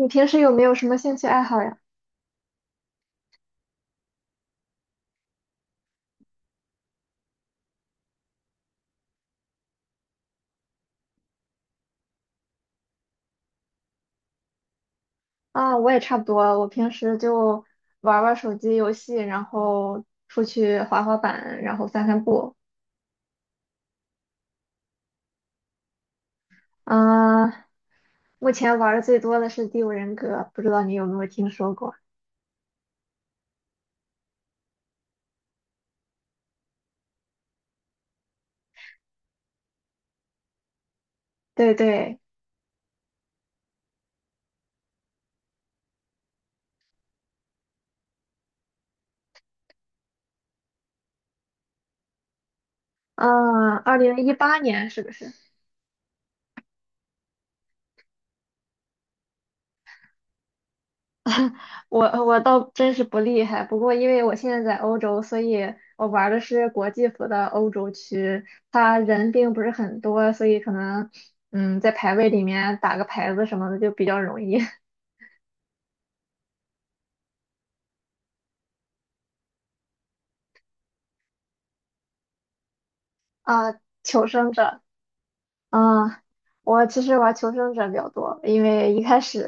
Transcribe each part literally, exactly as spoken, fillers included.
你平时有没有什么兴趣爱好呀？啊，我也差不多，我平时就玩儿玩儿手机游戏，然后出去滑滑板，然后散散步。嗯，目前玩的最多的是《第五人格》，不知道你有没有听说过？对对，啊，二零一八年是不是？我我倒真是不厉害，不过因为我现在在欧洲，所以我玩儿的是国际服的欧洲区，他人并不是很多，所以可能嗯在排位里面打个牌子什么的就比较容易 啊。求生者，啊，我其实玩求生者比较多，因为一开始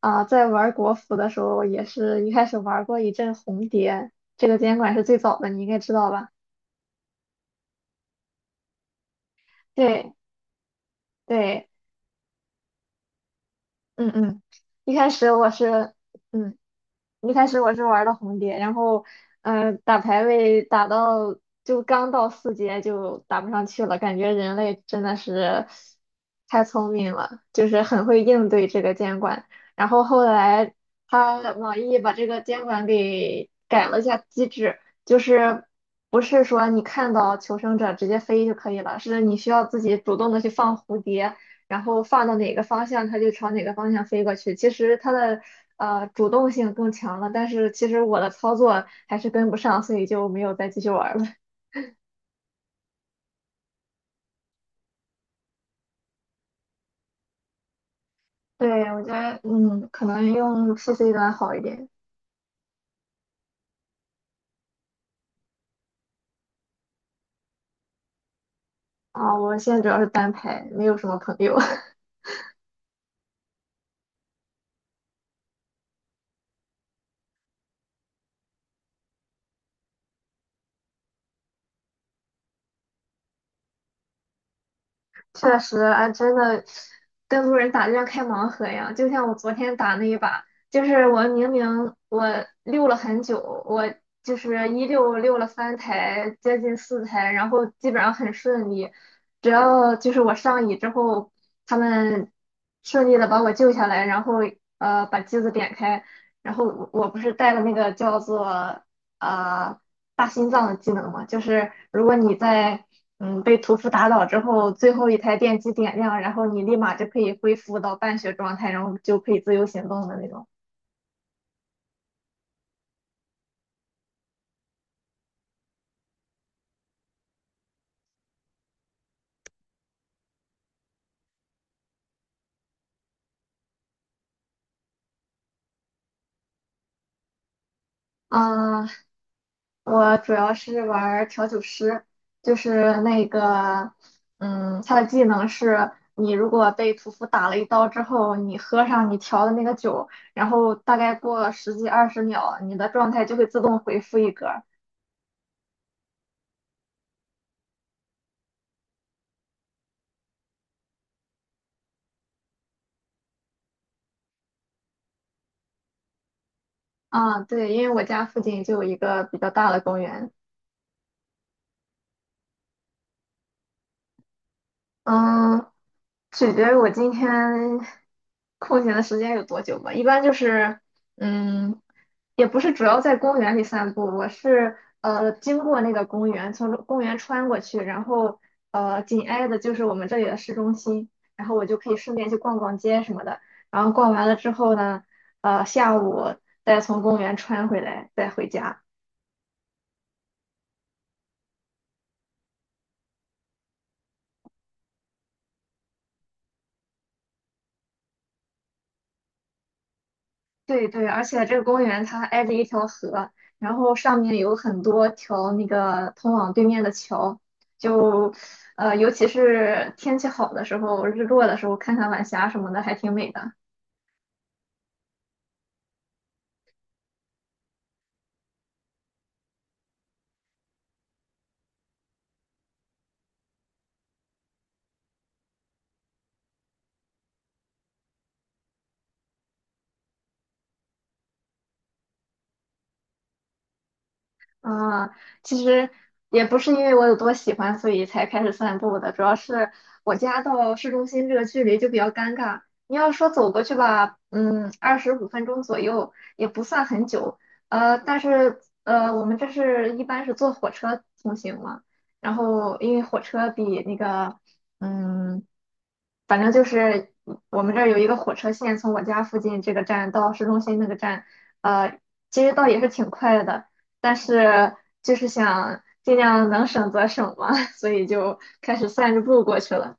啊在玩国服的时候也是一开始玩过一阵红蝶，这个监管是最早的，你应该知道吧？对对，嗯嗯，一开始我是。嗯。一开始我是玩的红蝶，然后，嗯、打排位打到就刚到四阶就打不上去了，感觉人类真的是太聪明了，就是很会应对这个监管。然后后来他网易把这个监管给改了一下机制，就是不是说你看到求生者直接飞就可以了，是你需要自己主动的去放蝴蝶，然后放到哪个方向，它就朝哪个方向飞过去。其实它的呃主动性更强了，但是其实我的操作还是跟不上，所以就没有再继续玩了。对，我觉得嗯，可能用 P C 端好一点啊。我现在主要是单排，没有什么朋友。确实，哎，真的跟路人打就像开盲盒一样。就像我昨天打那一把，就是我明明我溜了很久，我就是一溜溜了三台，接近四台，然后基本上很顺利。只要就是我上椅之后，他们顺利的把我救下来，然后呃把机子点开，然后我我不是带了那个叫做呃大心脏的技能嘛，就是如果你在嗯被屠夫打倒之后，最后一台电机点亮，然后你立马就可以恢复到半血状态，然后就可以自由行动的那种。嗯，我主要是玩调酒师，就是那个嗯，他的技能是。你如果被屠夫打了一刀之后，你喝上你调的那个酒，然后大概过了十几二十秒，你的状态就会自动回复一格。啊，对，因为我家附近就有一个比较大的公园，嗯，取决于我今天空闲的时间有多久吧。一般就是，嗯，也不是主要在公园里散步，我是呃经过那个公园，从公园穿过去，然后呃紧挨的就是我们这里的市中心，然后我就可以顺便去逛逛街什么的。然后逛完了之后呢，呃下午再从公园穿回来，再回家。对对，而且这个公园它挨着一条河，然后上面有很多条那个通往对面的桥，就呃，尤其是天气好的时候，日落的时候看看晚霞什么的，还挺美的。啊，其实也不是因为我有多喜欢，所以才开始散步的。主要是我家到市中心这个距离就比较尴尬。你要说走过去吧，嗯，二十五分钟左右也不算很久。呃，但是呃，我们这是一般是坐火车通行嘛，然后因为火车比那个，嗯，反正就是我们这儿有一个火车线，从我家附近这个站到市中心那个站，呃，其实倒也是挺快的。但是就是想尽量能省则省嘛，所以就开始散着步过去了。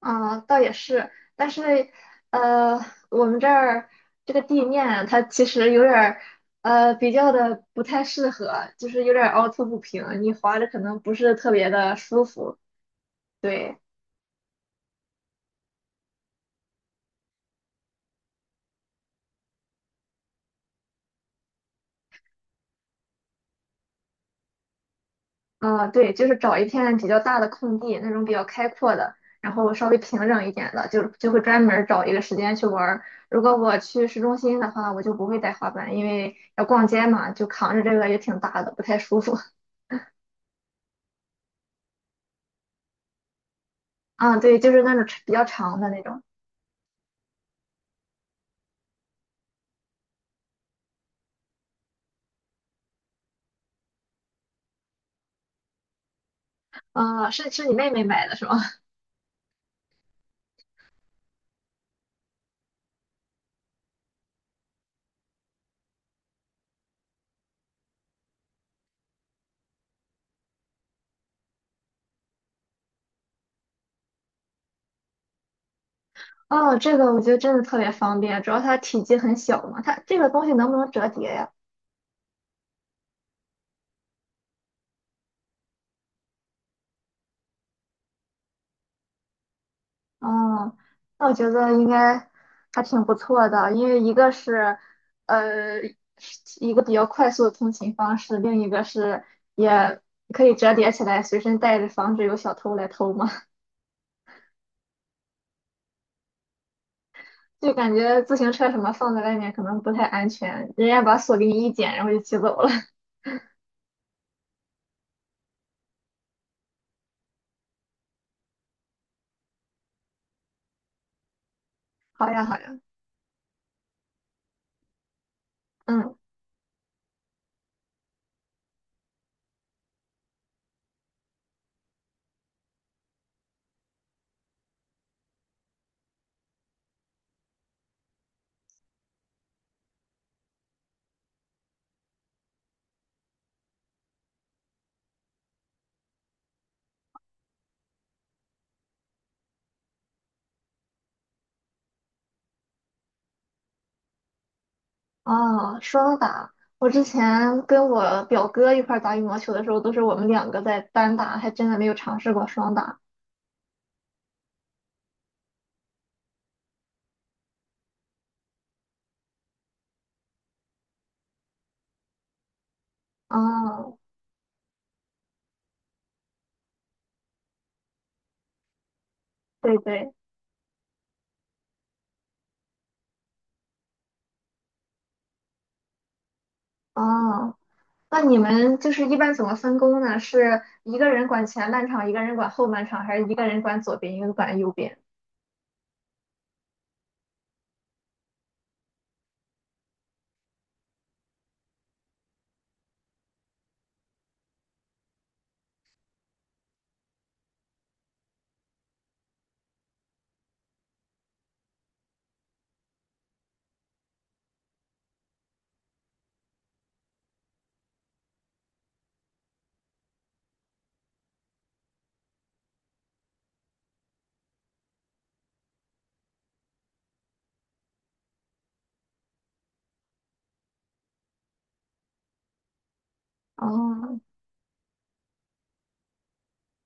啊、倒也是，但是呃，我们这儿这个地面它其实有点儿呃比较的不太适合，就是有点儿凹凸不平，你滑着可能不是特别的舒服。对。啊，对，就是找一片比较大的空地，那种比较开阔的，然后稍微平整一点的，就就会专门儿找一个时间去玩儿如果我去市中心的话，我就不会带滑板，因为要逛街嘛，就扛着这个也挺大的，不太舒服。啊，对，就是那种比较长的那种。啊，是是你妹妹买的是吗？哦，这个我觉得真的特别方便，主要它体积很小嘛。它这个东西能不能折叠呀？哦，那我觉得应该还挺不错的，因为一个是呃一个比较快速的通勤方式，另一个是也可以折叠起来随身带着，防止有小偷来偷嘛。就感觉自行车什么放在外面可能不太安全，人家把锁给你一剪，然后就骑走了。好呀，好呀，嗯，哦，双打，我之前跟我表哥一块儿打羽毛球的时候，都是我们两个在单打，还真的没有尝试过双打。哦，对对。哦，那你们就是一般怎么分工呢？是一个人管前半场，一个人管后半场，还是一个人管左边，一个人管右边？哦，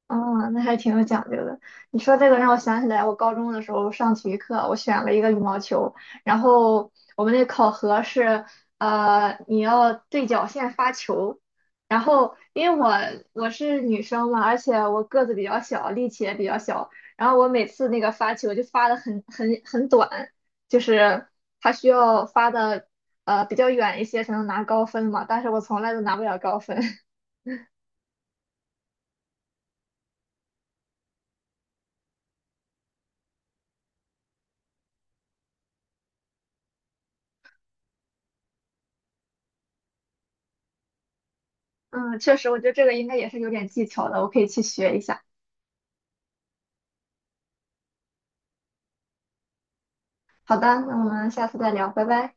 哦，那还挺有讲究的。你说这个让我想起来，我高中的时候上体育课，我选了一个羽毛球，然后我们那考核是，呃，你要对角线发球，然后因为我我是女生嘛，而且我个子比较小，力气也比较小，然后我每次那个发球就发的很很很短，就是它需要发的呃比较远一些才能拿高分嘛，但是我从来都拿不了高分。嗯，确实，我觉得这个应该也是有点技巧的，我可以去学一下。好的，那我们下次再聊，拜拜。